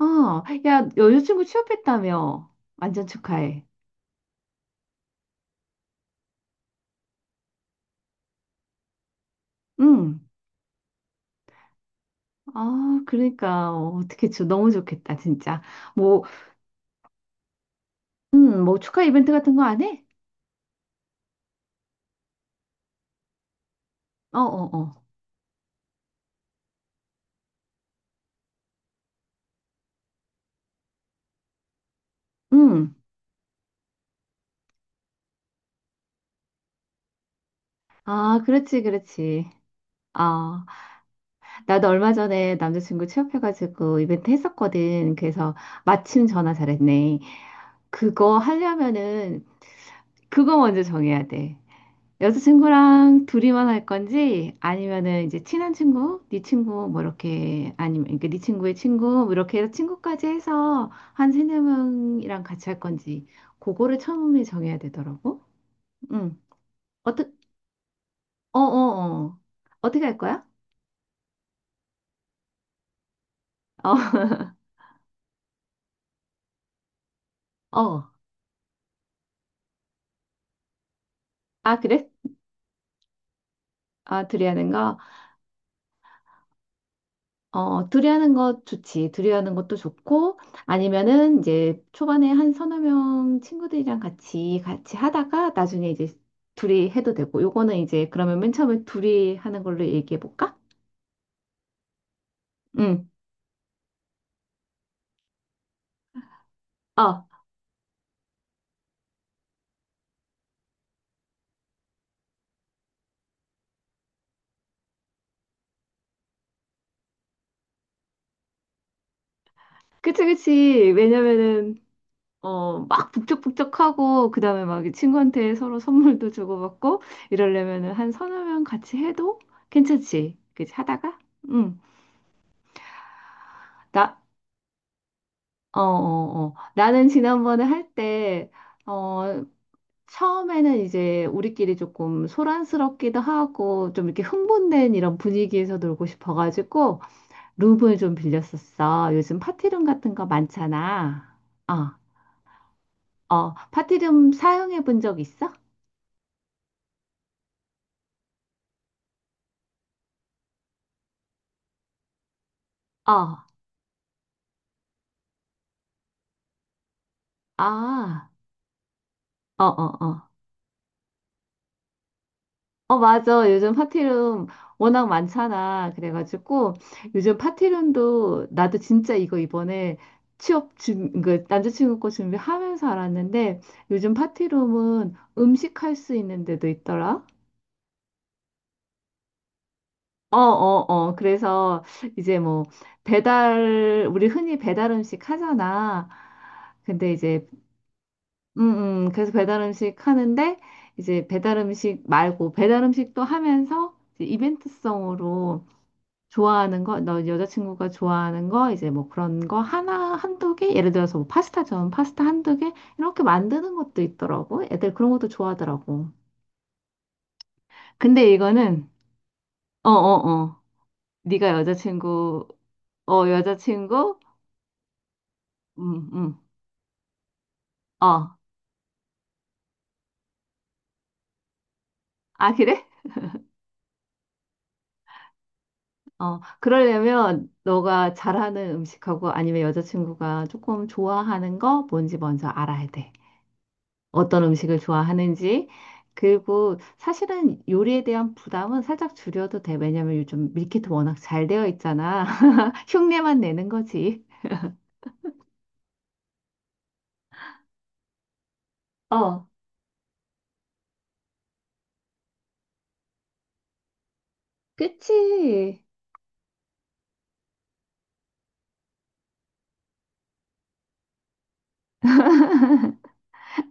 야, 여자친구 취업했다며. 완전 축하해. 응. 아, 그러니까, 어떻게, 저 너무 좋겠다, 진짜. 뭐, 뭐, 축하 이벤트 같은 거 안 해? 어, 어, 어. 응. 아, 그렇지, 그렇지. 아, 나도 얼마 전에 남자친구 취업해가지고 이벤트 했었거든. 그래서 마침 전화 잘했네. 그거 하려면은, 그거 먼저 정해야 돼. 여자친구랑 둘이만 할 건지 아니면은 이제 친한 친구, 네 친구 뭐 이렇게 아니면 그러니까 네 친구의 친구 뭐 이렇게 해서 친구까지 해서 한 세네 명이랑 같이 할 건지 그거를 처음에 정해야 되더라고. 응. 어떻 어어 어. 어, 어. 어떻게 할 거야? 어. 어. 아, 그래? 아, 둘이 하는 거? 어, 둘이하는 것 좋지. 둘이하는 것도 좋고, 아니면은 이제 초반에 한 3~4명 친구들이랑 같이 하다가 나중에 이제 둘이 해도 되고, 요거는 이제 그러면 맨 처음에 둘이 하는 걸로 얘기해 볼까? 응. 어, 그치, 그치. 왜냐면은, 막 북적북적하고, 그 다음에 막 친구한테 서로 선물도 주고받고, 이러려면은 한 3~4명 같이 해도 괜찮지. 그치, 하다가? 응. 나, 어, 어, 어. 나는 지난번에 할 때, 어, 처음에는 이제 우리끼리 조금 소란스럽기도 하고, 좀 이렇게 흥분된 이런 분위기에서 놀고 싶어가지고, 룸을 좀 빌렸었어. 요즘 파티룸 같은 거 많잖아. 어, 어, 파티룸 사용해 본 적 있어? 어, 아, 어, 어, 어. 어, 맞아. 요즘 파티룸 워낙 많잖아. 그래가지고 요즘 파티룸도 나도 진짜 이거 이번에 그 남자친구 거 준비하면서 알았는데 요즘 파티룸은 음식할 수 있는 데도 있더라. 어, 어, 어. 그래서 이제 뭐 우리 흔히 배달 음식 하잖아. 근데 이제, 그래서 배달 음식 하는데 이제 배달 음식 말고 배달 음식도 하면서 이제 이벤트성으로 좋아하는 거, 너 여자친구가 좋아하는 거, 이제 뭐 그런 거 하나, 1~2개? 예를 들어서 뭐 파스타 전 파스타 1~2개? 이렇게 만드는 것도 있더라고. 애들 그런 것도 좋아하더라고. 근데 이거는, 어, 어, 어. 네가 여자친구, 여자친구? 음, 음. 어. 아, 그래? 어. 그러려면 너가 잘하는 음식하고 아니면 여자친구가 조금 좋아하는 거 뭔지 먼저 알아야 돼. 어떤 음식을 좋아하는지. 그리고 사실은 요리에 대한 부담은 살짝 줄여도 돼. 왜냐면 요즘 밀키트 워낙 잘 되어 있잖아. 흉내만 내는 거지. 어, 그치.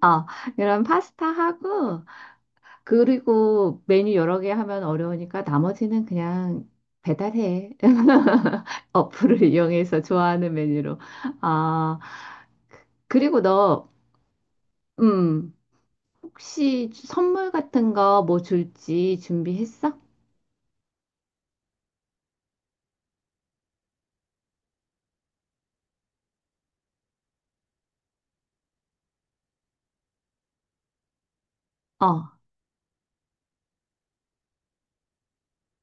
어, 이런 파스타 하고, 그리고 메뉴 여러 개 하면 어려우니까 나머지는 그냥 배달해. 어플을 이용해서 좋아하는 메뉴로. 아, 그리고 너, 음, 혹시 선물 같은 거 뭐 줄지 준비했어? 어,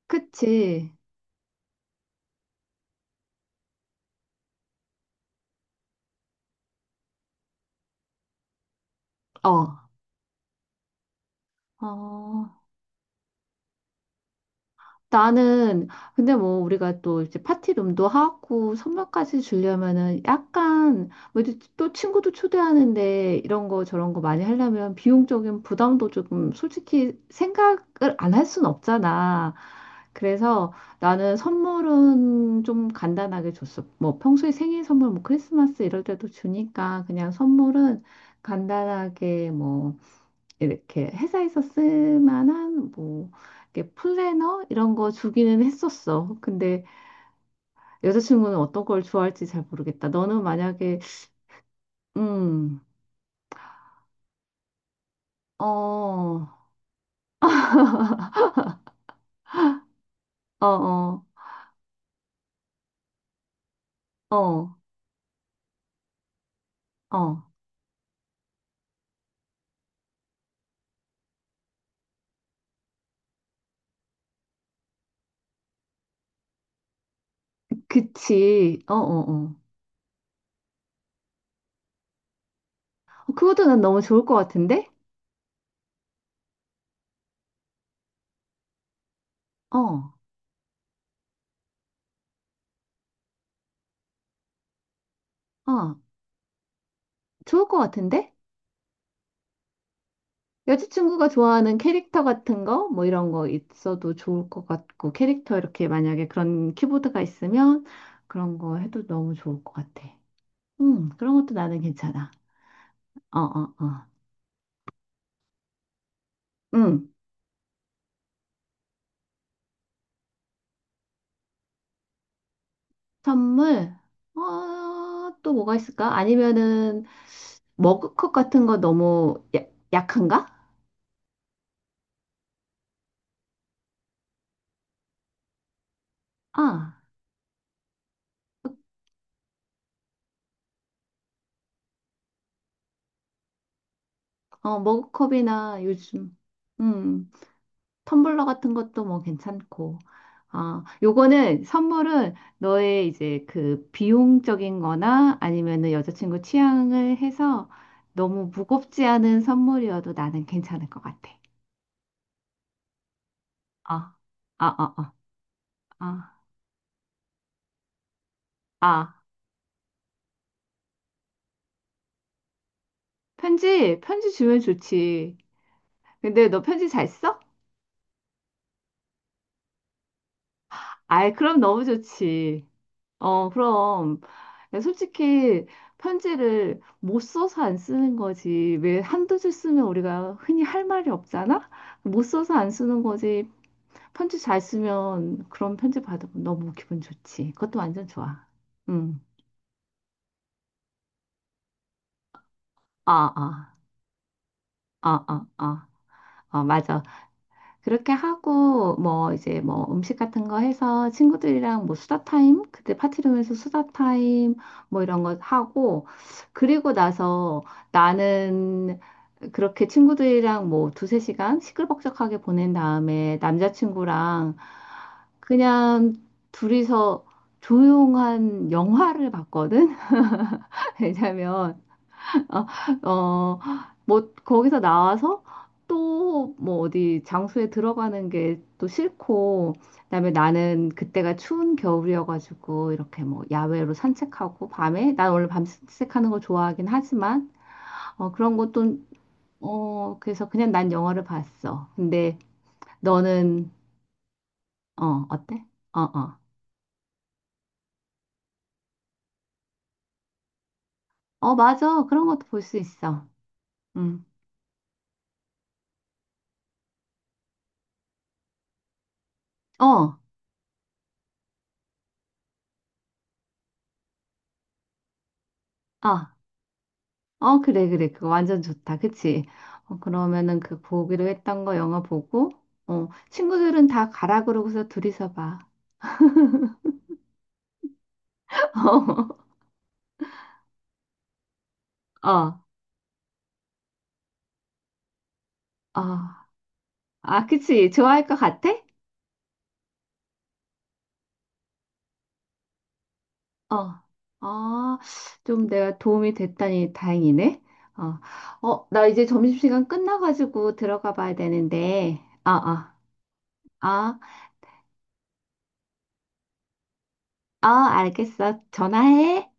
그치. 어, 어, 나는, 근데 뭐, 우리가 또 이제 파티룸도 하고, 선물까지 주려면은 약간, 뭐, 이제 또 친구도 초대하는데, 이런 거 저런 거 많이 하려면 비용적인 부담도 조금 솔직히 생각을 안 할 순 없잖아. 그래서 나는 선물은 좀 간단하게 줬어. 뭐, 평소에 생일 선물, 뭐, 크리스마스 이럴 때도 주니까, 그냥 선물은 간단하게 뭐, 이렇게 회사에서 쓸 만한 뭐 이렇게 플래너 이런 거 주기는 했었어. 근데 여자친구는 어떤 걸 좋아할지 잘 모르겠다. 너는 만약에 음, 어, 어, 어, 어, 어, 그치, 어, 어, 어. 그것도 난 너무 좋을 것 같은데? 어, 어, 좋을 것 같은데? 여자친구가 좋아하는 캐릭터 같은 거, 뭐 이런 거 있어도 좋을 것 같고, 캐릭터 이렇게 만약에 그런 키보드가 있으면 그런 거 해도 너무 좋을 것 같아. 그런 것도 나는 괜찮아. 어, 어, 어. 음, 선물? 어, 또 뭐가 있을까? 아니면은, 머그컵 같은 거 너무 약한가? 아, 어, 머그컵이나 요즘, 음, 텀블러 같은 것도 뭐 괜찮고. 아, 요거는, 선물은 너의 이제 그 비용적인 거나 아니면은 여자친구 취향을 해서 너무 무겁지 않은 선물이어도 나는 괜찮을 것 같아. 아, 아, 아, 아, 아. 아. 편지, 편지 주면 좋지. 근데 너 편지 잘 써? 아이, 그럼 너무 좋지. 어, 그럼. 솔직히 편지를 못 써서 안 쓰는 거지. 왜 1~2줄 쓰면 우리가 흔히 할 말이 없잖아? 못 써서 안 쓰는 거지. 편지 잘 쓰면 그런 편지 받으면 너무 기분 좋지. 그것도 완전 좋아. 응. 아, 아, 아, 아, 아. 아, 맞아. 그렇게 하고 뭐 이제 뭐 음식 같은 거 해서 친구들이랑 뭐 수다 타임 그때 파티룸에서 수다 타임 뭐 이런 거 하고 그리고 나서 나는 그렇게 친구들이랑 뭐 2~3시간 시끌벅적하게 보낸 다음에 남자친구랑 그냥 둘이서 조용한 영화를 봤거든. 왜냐면 아, 어, 뭐, 거기서 나와서 또 뭐 어디 장소에 들어가는 게 또 싫고, 그다음에 나는 그때가 추운 겨울이어가지고 이렇게 뭐 야외로 산책하고 밤에, 난 원래 밤 산책하는 거 좋아하긴 하지만, 그런 것도, 그래서 그냥 난 영화를 봤어. 근데 너는, 어때? 어, 어. 어, 맞아. 그런 것도 볼 수 있어. 응. 어, 아. 어, 그래, 그래. 그거 완전 좋다. 그치? 그러면은 그 보기로 했던 거 영화 보고, 친구들은 다 가라 그러고서 둘이서 봐. 어, 어. 아, 그치? 좋아할 것 같아? 어. 아, 좀 내가 도움이 됐다니 다행이네. 어, 어, 나 이제 점심시간 끝나가지고 들어가 봐야 되는데. 어, 어. 어, 어, 알겠어. 전화해.